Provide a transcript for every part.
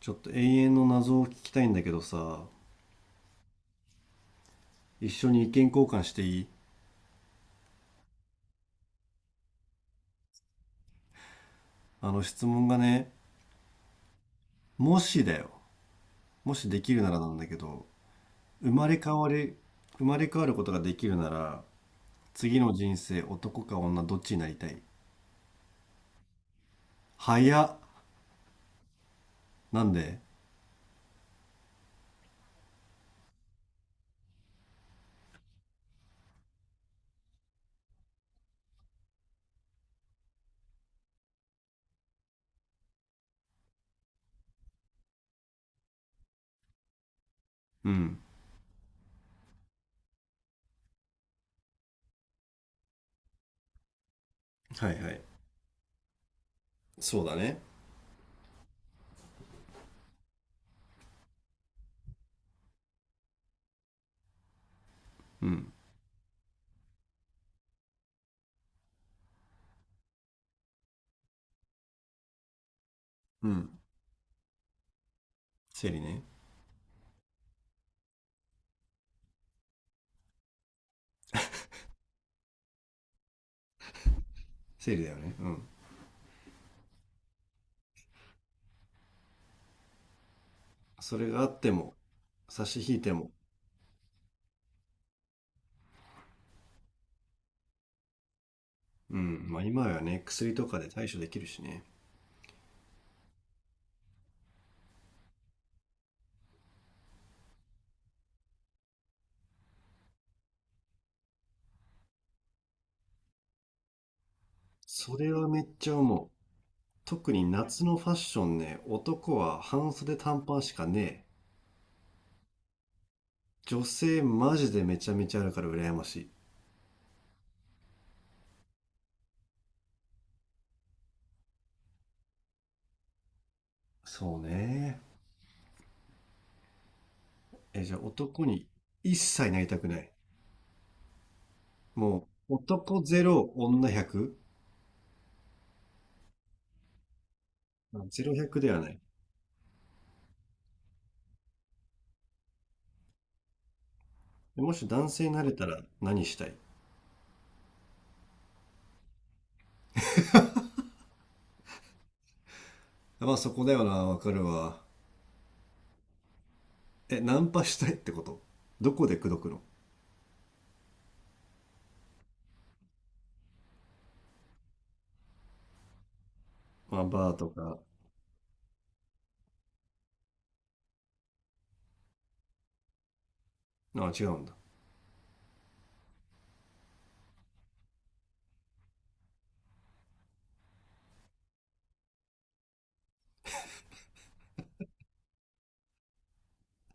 ちょっと永遠の謎を聞きたいんだけどさ、一緒に意見交換していい？あの質問がね、もしだよ。もしできるならなんだけど、生まれ変わり、生まれ変わることができるなら、次の人生男か女どっちになりたい？早っ。なんで？うん。はいはい。そうだね。うん。うん。生理ね。生理だよね。うん。それがあっても、差し引いても、うん。まあ今はね、薬とかで対処できるしね。それはめっちゃ思う。特に夏のファッションね、男は半袖短パンしかねえ。女性マジでめちゃめちゃあるから羨ましい。そうね。え、じゃあ男に一切なりたくない。もう男ゼロ女100。あ、ゼロ100ではない。でもし男性になれたら何したい？まあそこだよな、わかるわ。え、ナンパしたいってこと？どこで口説くの？まあバーとか。あ、違うんだ。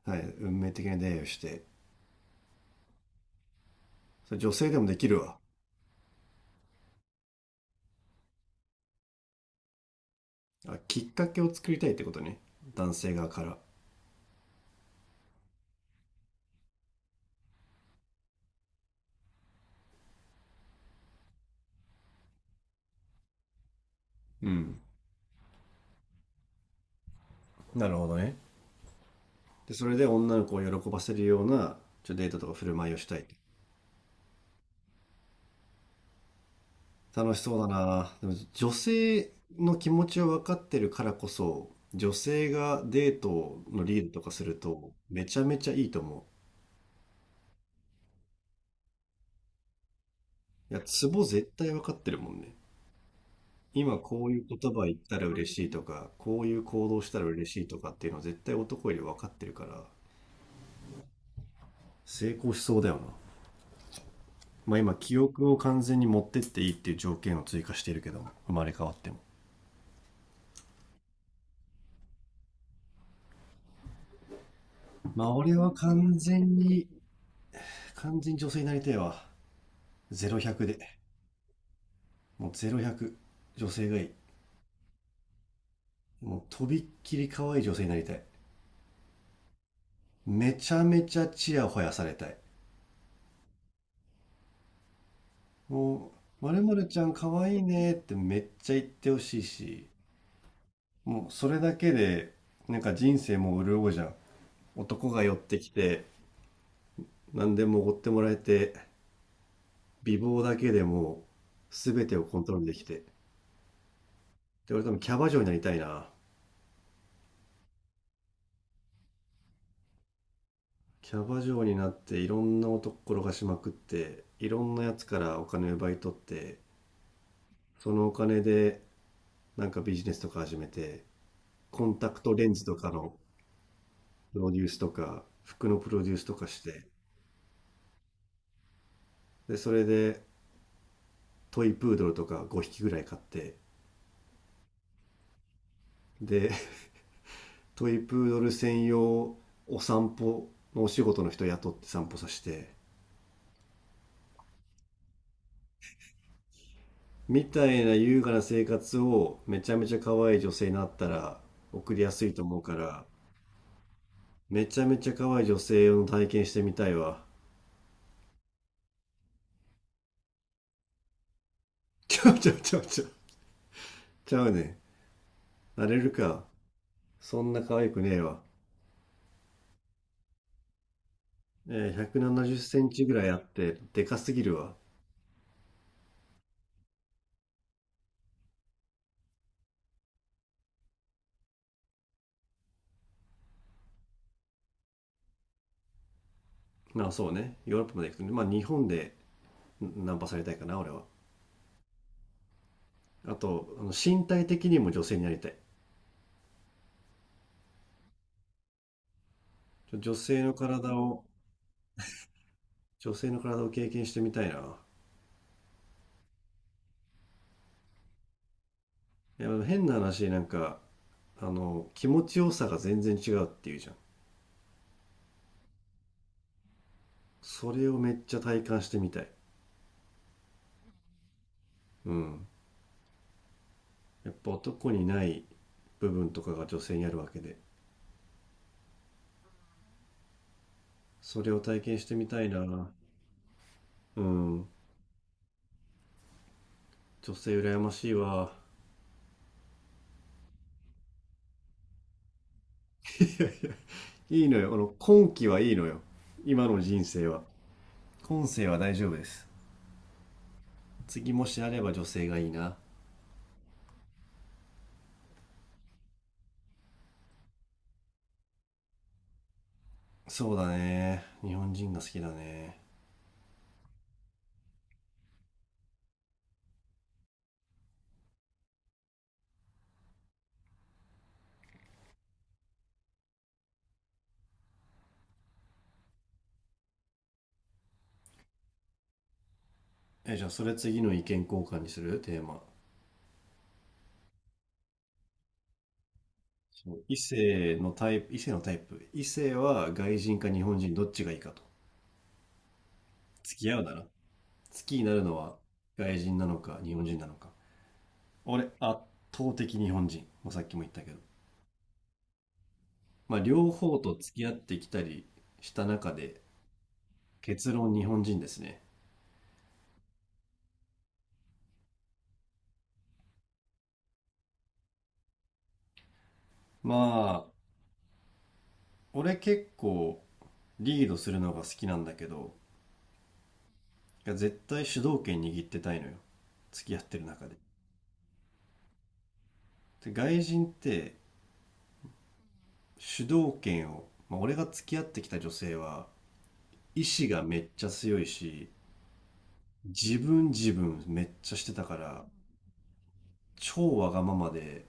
はい。運命的な出会いをして。それ女性でもできるわ。あ、きっかけを作りたいってことね？男性側から？うん。なるほどね。でそれで女の子を喜ばせるようなデートとか振る舞いをしたい？楽しそうだな。でも女性の気持ちを分かってるからこそ女性がデートのリードとかするとめちゃめちゃいいと思う。いや、ツボ絶対分かってるもんね。今こういう言葉言ったら嬉しいとかこういう行動したら嬉しいとかっていうのは絶対男より分かってるから成功しそうだよな。まあ、今記憶を完全に持ってっていいっていう条件を追加しているけども、生まれ変わっても、まあ俺は完全に女性になりたいわ。ゼロ1 0 0で、もう0100、女性がいい。もうとびっきり可愛い女性になりたい。めちゃめちゃチヤホヤされたい。もう「まるまるちゃん可愛いね」ってめっちゃ言ってほしいし、もうそれだけでなんか人生もう潤うじゃん。男が寄ってきて、何でもおごってもらえて、美貌だけでも全てをコントロールできて。で、俺多分キャバ嬢になりたいな。キャバ嬢になっていろんな男転がしまくって、いろんなやつからお金を奪い取って、そのお金でなんかビジネスとか始めて、コンタクトレンズとかのプロデュースとか、服のプロデュースとかして、で、それでトイプードルとか5匹ぐらい買って、で、トイプードル専用お散歩のお仕事の人雇って散歩させて、みたいな優雅な生活をめちゃめちゃ可愛い女性になったら送りやすいと思うから、めちゃめちゃ可愛い女性を体験してみたいわ。ちゃうちゃうちゃうちゃう。ちゃうね。なれるか。そんな可愛くねえわ。えー、170センチぐらいあって、でかすぎるわ。まあそうね。ヨーロッパまで行くとね。まあ日本でナンパされたいかな、俺は。あと、身体的にも女性になりたい。ちょ女性の体を、女性の体を経験してみたいな。いや、変な話、なんか、あの気持ちよさが全然違うっていうじゃん。それをめっちゃ体感してみたい。うん。やっぱ男にない部分とかが女性にあるわけで、それを体験してみたいな。うん。女性羨ましいわ。い いいのよ。今期はいいのよ。今の人生は。今世は大丈夫です。次もしあれば女性がいいな。そうだね、日本人が好きだね。え、じゃあそれ次の意見交換にするテーマ？そう、異性のタイプ、異性のタイプ。異性は外人か日本人どっちがいいかと。付き合うなら。好きになるのは外人なのか日本人なのか。俺、圧倒的日本人。もうさっきも言ったけど。まあ、両方と付き合ってきたりした中で、結論日本人ですね。まあ、俺結構リードするのが好きなんだけど、いや絶対主導権握ってたいのよ。付き合ってる中で。で、外人って主導権を、まあ、俺が付き合ってきた女性は、意志がめっちゃ強いし、自分自分めっちゃしてたから、超わがままで、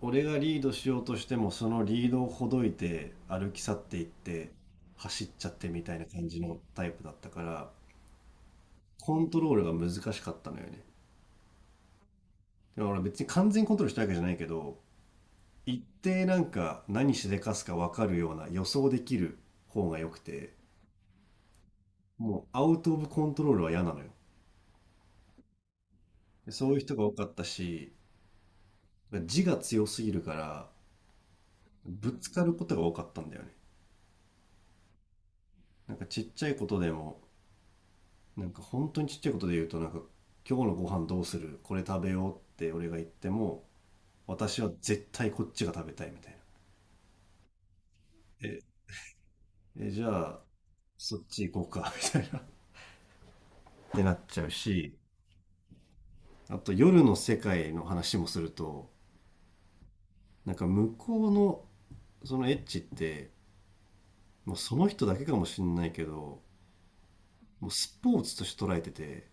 俺がリードしようとしてもそのリードをほどいて歩き去っていって走っちゃってみたいな感じのタイプだったから、コントロールが難しかったのよね。でも俺別に完全にコントロールしたわけじゃないけど、一定なんか何しでかすか分かるような予想できる方が良くて、もうアウト・オブ・コントロールは嫌なのよ。でそういう人が多かったし、自我強すぎるからぶつかることが多かったんだよね。なんかちっちゃいことでも、なんか本当にちっちゃいことで言うと、なんか今日のご飯どうするこれ食べようって俺が言っても、私は絶対こっちが食べたいみたいな。え、え、じゃあそっち行こうか、みたいな。ってなっちゃうし、あと夜の世界の話もすると、なんか向こうのそのエッチって、もうその人だけかもしんないけど、もうスポーツとして捉えてて、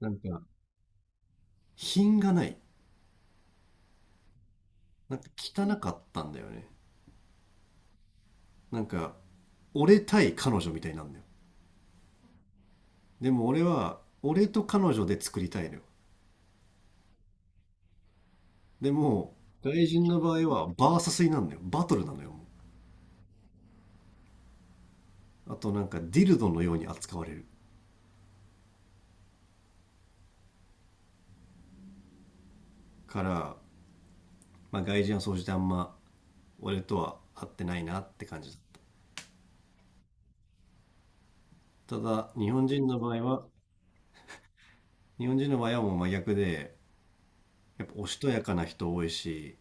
なんか品がない。なんか汚かったんだよね。なんか俺対彼女みたいになるんだよ。でも俺は俺と彼女で作りたいのよ。でも外人の場合はバーサスになるのよ、バトルなのよ、もう。あとなんかディルドのように扱われるから、まあ、外人は総じてあんま俺とは合ってないなって感じだ。ただ日本人の場合はもう真逆で、やっぱおしとやかな人多いし、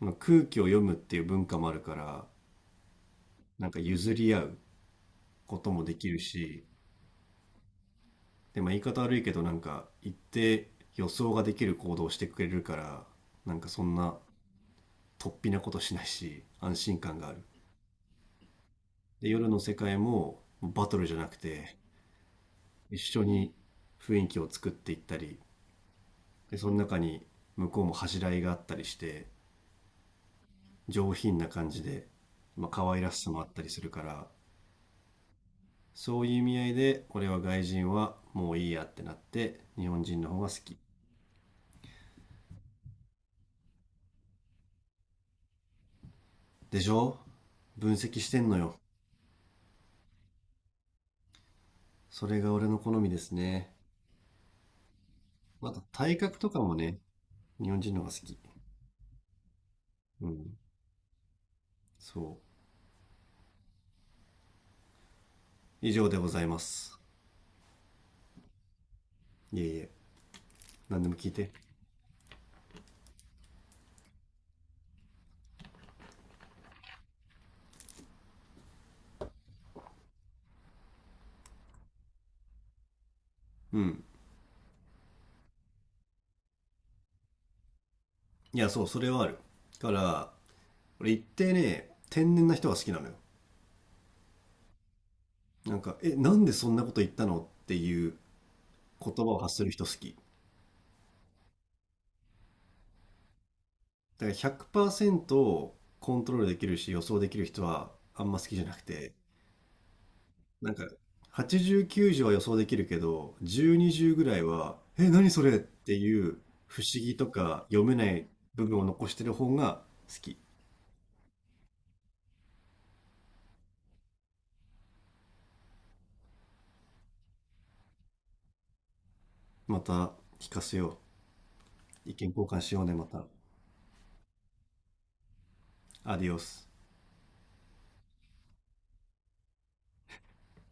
まあ空気を読むっていう文化もあるから、なんか譲り合うこともできるし、でまあ言い方悪いけどなんか一定予想ができる行動をしてくれるから、なんかそんな突飛なことしないし安心感がある。で夜の世界もバトルじゃなくて、一緒に雰囲気を作っていったり、でその中に向こうも恥じらいがあったりして、上品な感じで、まあ、可愛らしさもあったりするから、そういう意味合いで俺は外人はもういいやってなって日本人の方が好き。でしょ？分析してんのよ。それが俺の好みですね。また体格とかもね、日本人の方が好き。うん。そう。以上でございます。いえいえ。何でも聞いて。うん。いや、そう、それはある。だから、俺一定ね、天然な人が好きなのよ。なんか、え、なんでそんなこと言ったのっていう言葉を発する人好き。だから100%コントロールできるし予想できる人はあんま好きじゃなくて、なんか80、90は予想できるけど、10、20ぐらいは、え、何それっていう不思議とか読めない部分を残してる方が好き。また聞かせよう。意見交換しようね、また。アディオス。